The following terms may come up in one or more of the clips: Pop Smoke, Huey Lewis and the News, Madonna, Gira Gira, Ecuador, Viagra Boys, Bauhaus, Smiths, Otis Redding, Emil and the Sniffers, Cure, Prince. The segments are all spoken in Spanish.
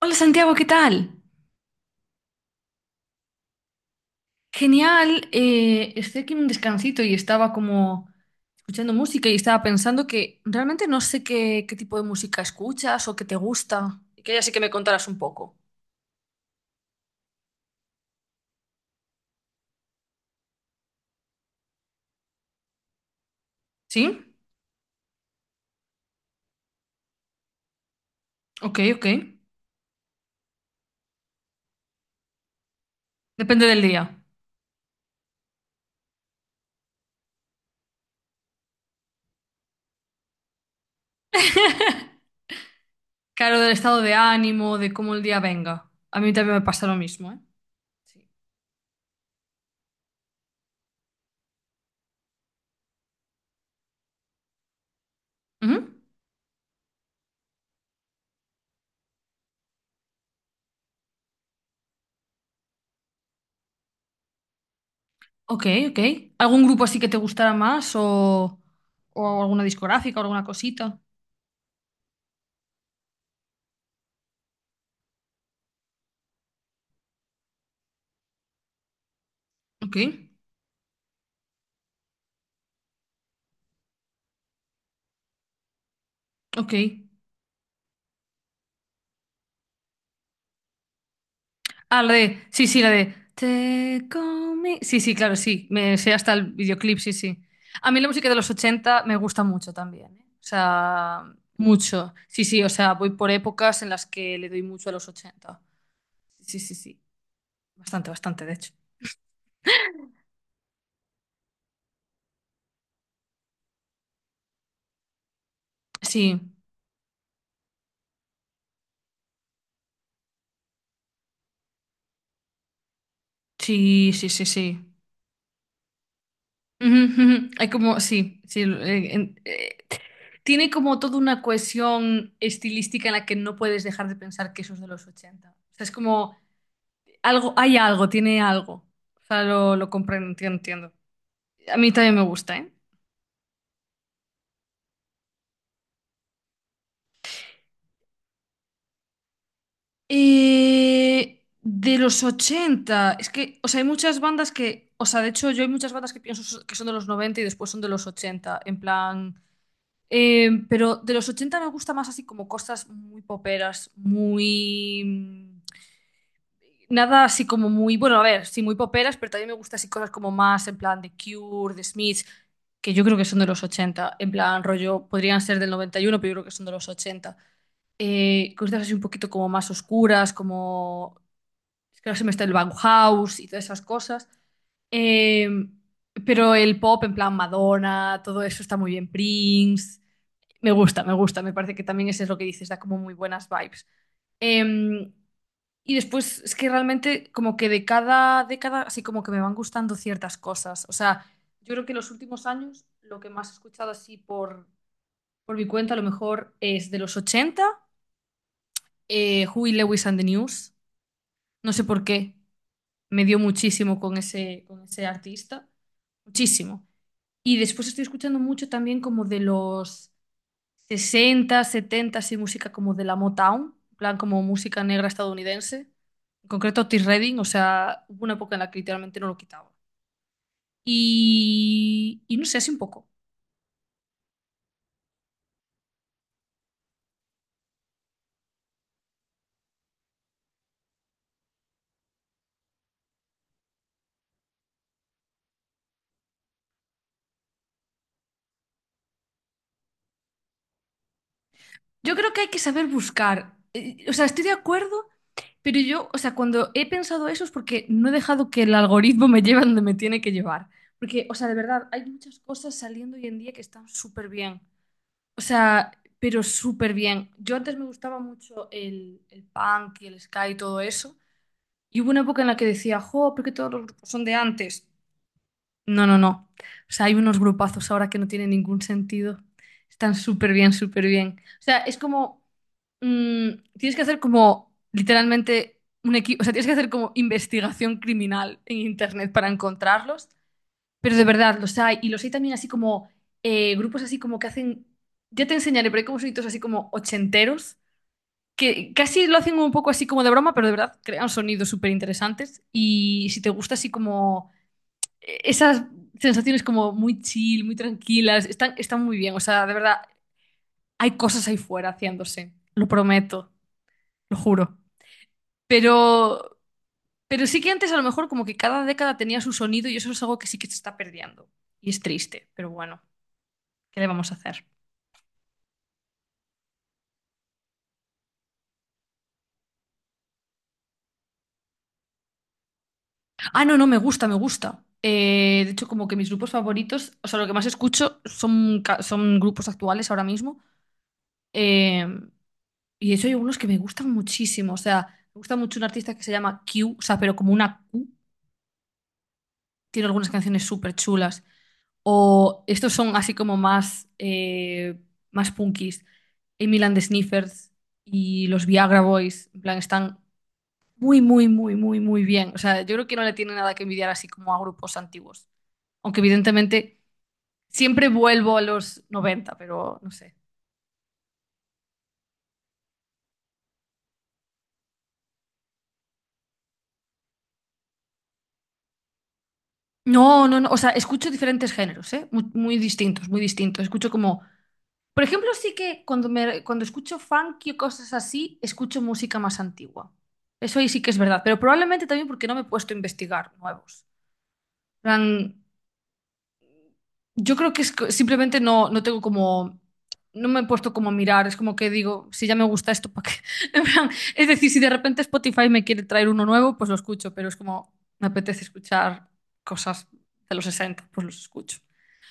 Hola Santiago, ¿qué tal? Genial, estoy aquí en un descansito y estaba como escuchando música y estaba pensando que realmente no sé qué tipo de música escuchas o qué te gusta. Y que ya sí que me contarás un poco. ¿Sí? Ok, ok. Depende del día. Claro, del estado de ánimo, de cómo el día venga. A mí también me pasa lo mismo, ¿eh? Sí. Ujú. Ok, ok. ¿Algún grupo así que te gustara más o alguna discográfica o alguna cosita? Ok, ok. Ah, la de. Sí, sí, la de. Te come. Sí, sí, claro, sí. Me sé hasta el videoclip, sí, sí. A mí la música de los 80 me gusta mucho también, ¿eh? O sea, mucho. Sí, sí, o sea, voy por épocas en las que le doy mucho a los ochenta. Sí, sí, sí. Bastante, bastante, de hecho. Sí, sí, sí, sí, sí. Ujú, ujú. Hay como, sí, sí. Tiene como toda una cohesión estilística en la que no puedes dejar de pensar que eso es de los ochenta. O sea, es como... Algo, hay algo, tiene algo. O sea, lo comprendo, entiendo, entiendo. A mí también me gusta, ¿eh? De los 80 es que, o sea, hay muchas bandas que, o sea, de hecho, yo hay muchas bandas que que son de los 90 y después son de los 80 en plan, pero de los 80 me gusta más así como cosas muy poperas, muy... Nada así como muy, bueno, a ver, sí, muy poperas, pero también me gusta así cosas como más en plan de Cure, de Smiths, que yo creo que son de los 80 en plan rollo, podrían ser del 91 pero yo creo que son de los ochenta. Cosas así un poquito como más oscuras, como, es que ahora se me está el Bauhaus y todas esas cosas. Eh, pero el pop en plan Madonna, todo eso está muy bien, Prince, me gusta, me gusta, me parece que también eso es lo que dices, da como muy buenas vibes. Em, y después es que realmente como que de cada década así como que me van gustando ciertas cosas. O sea, yo creo que en los últimos años lo que más he escuchado así por mi cuenta a lo mejor es de los ochenta, Huey Lewis and the News. No sé por qué, me dio muchísimo con ese artista, muchísimo. Y después estoy escuchando mucho también como de los 60 70 así música como de la Motown, en plan como música negra estadounidense. En concreto Otis Redding, o sea, hubo una época en la que literalmente no lo quitaba. Y no sé, así un poco. Yo creo que hay que saber buscar. O sea, estoy de acuerdo, pero yo, o sea, cuando he pensado eso es porque no he dejado que el algoritmo me lleve a donde me tiene que llevar. Porque, o sea, de verdad, hay muchas cosas saliendo hoy en día que están súper bien. O sea, pero súper bien. Yo antes me gustaba mucho el punk y el ska y todo eso. Y hubo una época en la que decía, jo, ¿por qué todos los grupos son de antes? No, no, no. O sea, hay unos grupazos ahora que no tienen ningún sentido. Están súper bien, súper bien. O sea, es como, mm, tienes que hacer como literalmente un equipo, o sea, tienes que hacer como investigación criminal en internet para encontrarlos. Pero de verdad, los hay. Y los hay también así como grupos así como que hacen. Ya te enseñaré, pero hay como sonidos así como ochenteros, que casi lo hacen un poco así como de broma, pero de verdad crean sonidos súper interesantes. Y si te gusta así como esas sensaciones como muy chill, muy tranquilas, están, están muy bien. O sea, de verdad, hay cosas ahí fuera haciéndose. Lo prometo, lo juro. Pero, pero, sí que antes a lo mejor como que cada década tenía su sonido y eso es algo que sí que se está perdiendo. Y es triste, pero bueno, ¿qué le vamos a hacer? Ah, no, no, me gusta, me gusta. De hecho, como que mis grupos favoritos, o sea, lo que más escucho son grupos actuales ahora mismo. Eh, y de hecho hay unos que me gustan muchísimo. O sea, me gusta mucho un artista que se llama Q, o sea, pero como una Q. Tiene algunas canciones súper chulas. O estos son así como más punkis. Emil and the Sniffers y los Viagra Boys, en plan, están muy, muy, muy, muy, muy bien. O sea, yo creo que no le tiene nada que envidiar así como a grupos antiguos. Aunque evidentemente siempre vuelvo a los 90, pero no sé. No, no, no. O sea, escucho diferentes géneros, ¿eh? Muy, muy distintos, muy distintos. Escucho como... Por ejemplo, sí que cuando escucho funky o cosas así, escucho música más antigua. Eso ahí sí que es verdad. Pero probablemente también porque no me he puesto a investigar nuevos. En plan, yo creo que es simplemente no tengo como, no me he puesto como a mirar, es como que digo, si ya me gusta esto, ¿para qué? En plan, es decir, si de repente Spotify me quiere traer uno nuevo, pues lo escucho, pero es como, me apetece escuchar cosas de los 60 pues los escucho.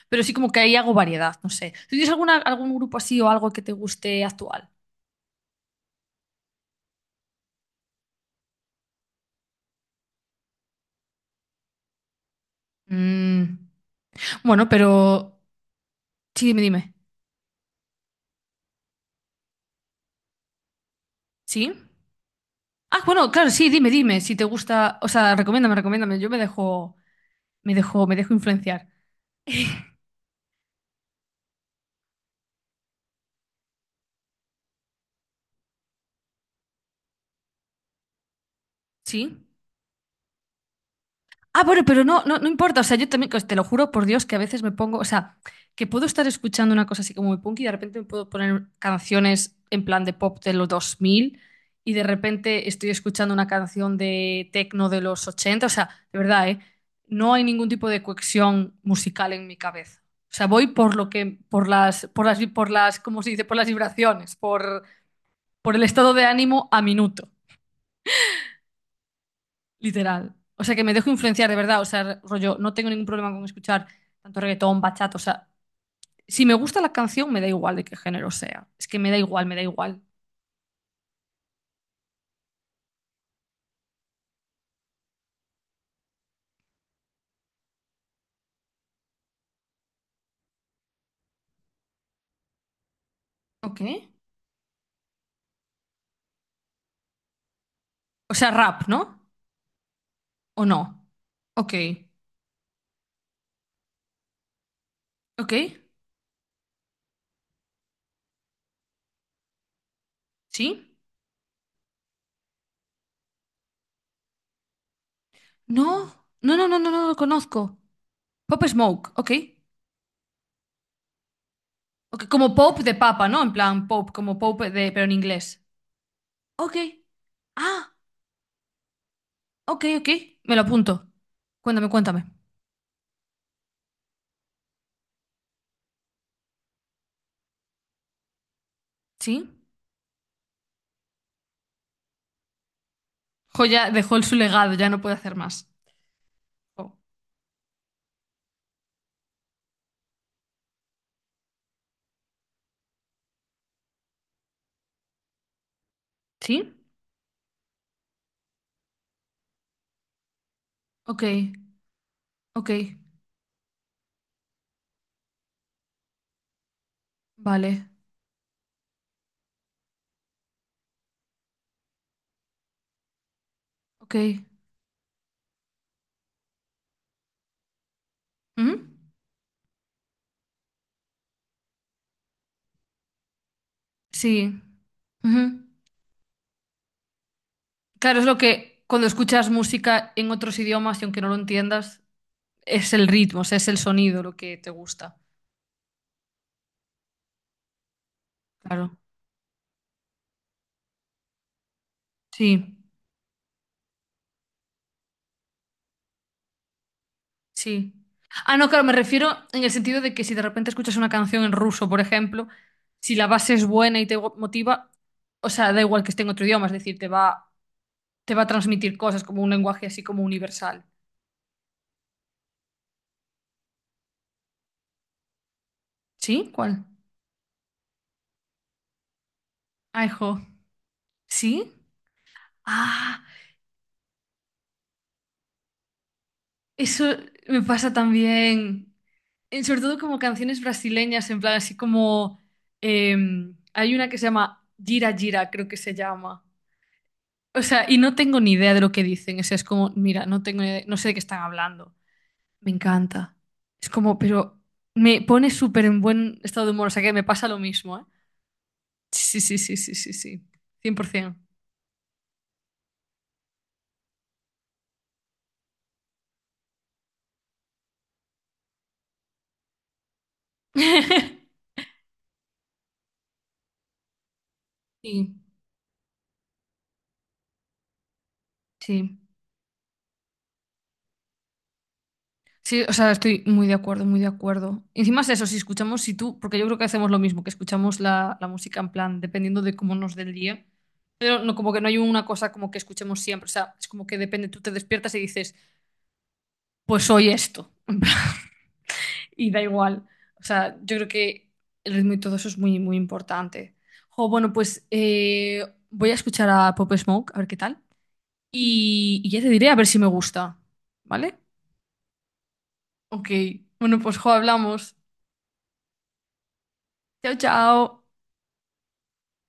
Pero sí como que ahí hago variedad, no sé. ¿Tú tienes alguna, algún grupo así o algo que te guste actual? Mm, bueno, pero... Sí, dime, dime. ¿Sí? Ah, bueno, claro, sí, dime, dime. Si te gusta, o sea, recomiéndame, recomiéndame. Yo me dejo influenciar. Sí. Ah, bueno, pero no, no, no importa. O sea, yo también, pues, te lo juro por Dios que a veces me pongo, o sea, que puedo estar escuchando una cosa así como muy punk y de repente me puedo poner canciones en plan de pop de los 2000 y de repente estoy escuchando una canción de techno de los 80. O sea, de verdad, ¿eh? No hay ningún tipo de cohesión musical en mi cabeza. O sea, voy por lo que, por las, ¿cómo se dice? Por las vibraciones, por el estado de ánimo a minuto. Literal. O sea, que me dejo influenciar de verdad. O sea, rollo, no tengo ningún problema con escuchar tanto reggaetón, bachata. O sea, si me gusta la canción, me da igual de qué género sea. Es que me da igual, me da igual. Ok. O sea, rap, ¿no? ¿O no? Ok. Ok. ¿Sí? No. No, no, no, no, no lo conozco. Pop Smoke. Ok. Ok, como pop de papa, ¿no? En plan, pop, como pop de, pero en inglés. Ok. Ah, ok, ok. Me lo apunto. Cuéntame, cuéntame. ¿Sí? Joya dejó el su legado, ya no puede hacer más. Oh. ¿Sí? Ok, ok, vale, ok. Ujú. Sí. Ujú. Claro, es lo que cuando escuchas música en otros idiomas y aunque no lo entiendas, es el ritmo, o sea, es el sonido lo que te gusta. Claro. Sí, sí. Ah, no, claro, me refiero en el sentido de que si de repente escuchas una canción en ruso, por ejemplo, si la base es buena y te motiva, o sea, da igual que esté en otro idioma, es decir, te va a transmitir cosas como un lenguaje así como universal. ¿Sí? ¿Cuál? Ay, jo. ¿Sí? Ah, eso me pasa también. Sobre todo como canciones brasileñas, en plan así como... Hay una que se llama Gira Gira, creo que se llama. O sea, y no tengo ni idea de lo que dicen. O sea, es como, mira, no tengo ni idea- no sé de qué están hablando. Me encanta. Es como, pero me pone súper en buen estado de humor. O sea, que me pasa lo mismo, ¿eh? Sí, sí, sí, sí, sí, sí, cien por 100%. Sí, sí. Sí, o sea, estoy muy de acuerdo, muy de acuerdo. Encima es eso, si escuchamos, si tú, porque yo creo que hacemos lo mismo, que escuchamos la música en plan, dependiendo de cómo nos dé el día, pero no como que no hay una cosa como que escuchemos siempre, o sea, es como que depende, tú te despiertas y dices, pues hoy esto, en plan, y da igual. O sea, yo creo que el ritmo y todo eso es muy, muy importante. O bueno, pues voy a escuchar a Pop Smoke, a ver qué tal, y ya te diré a ver si me gusta, ¿vale? Ok, bueno, pues jo, hablamos. Chao, chao.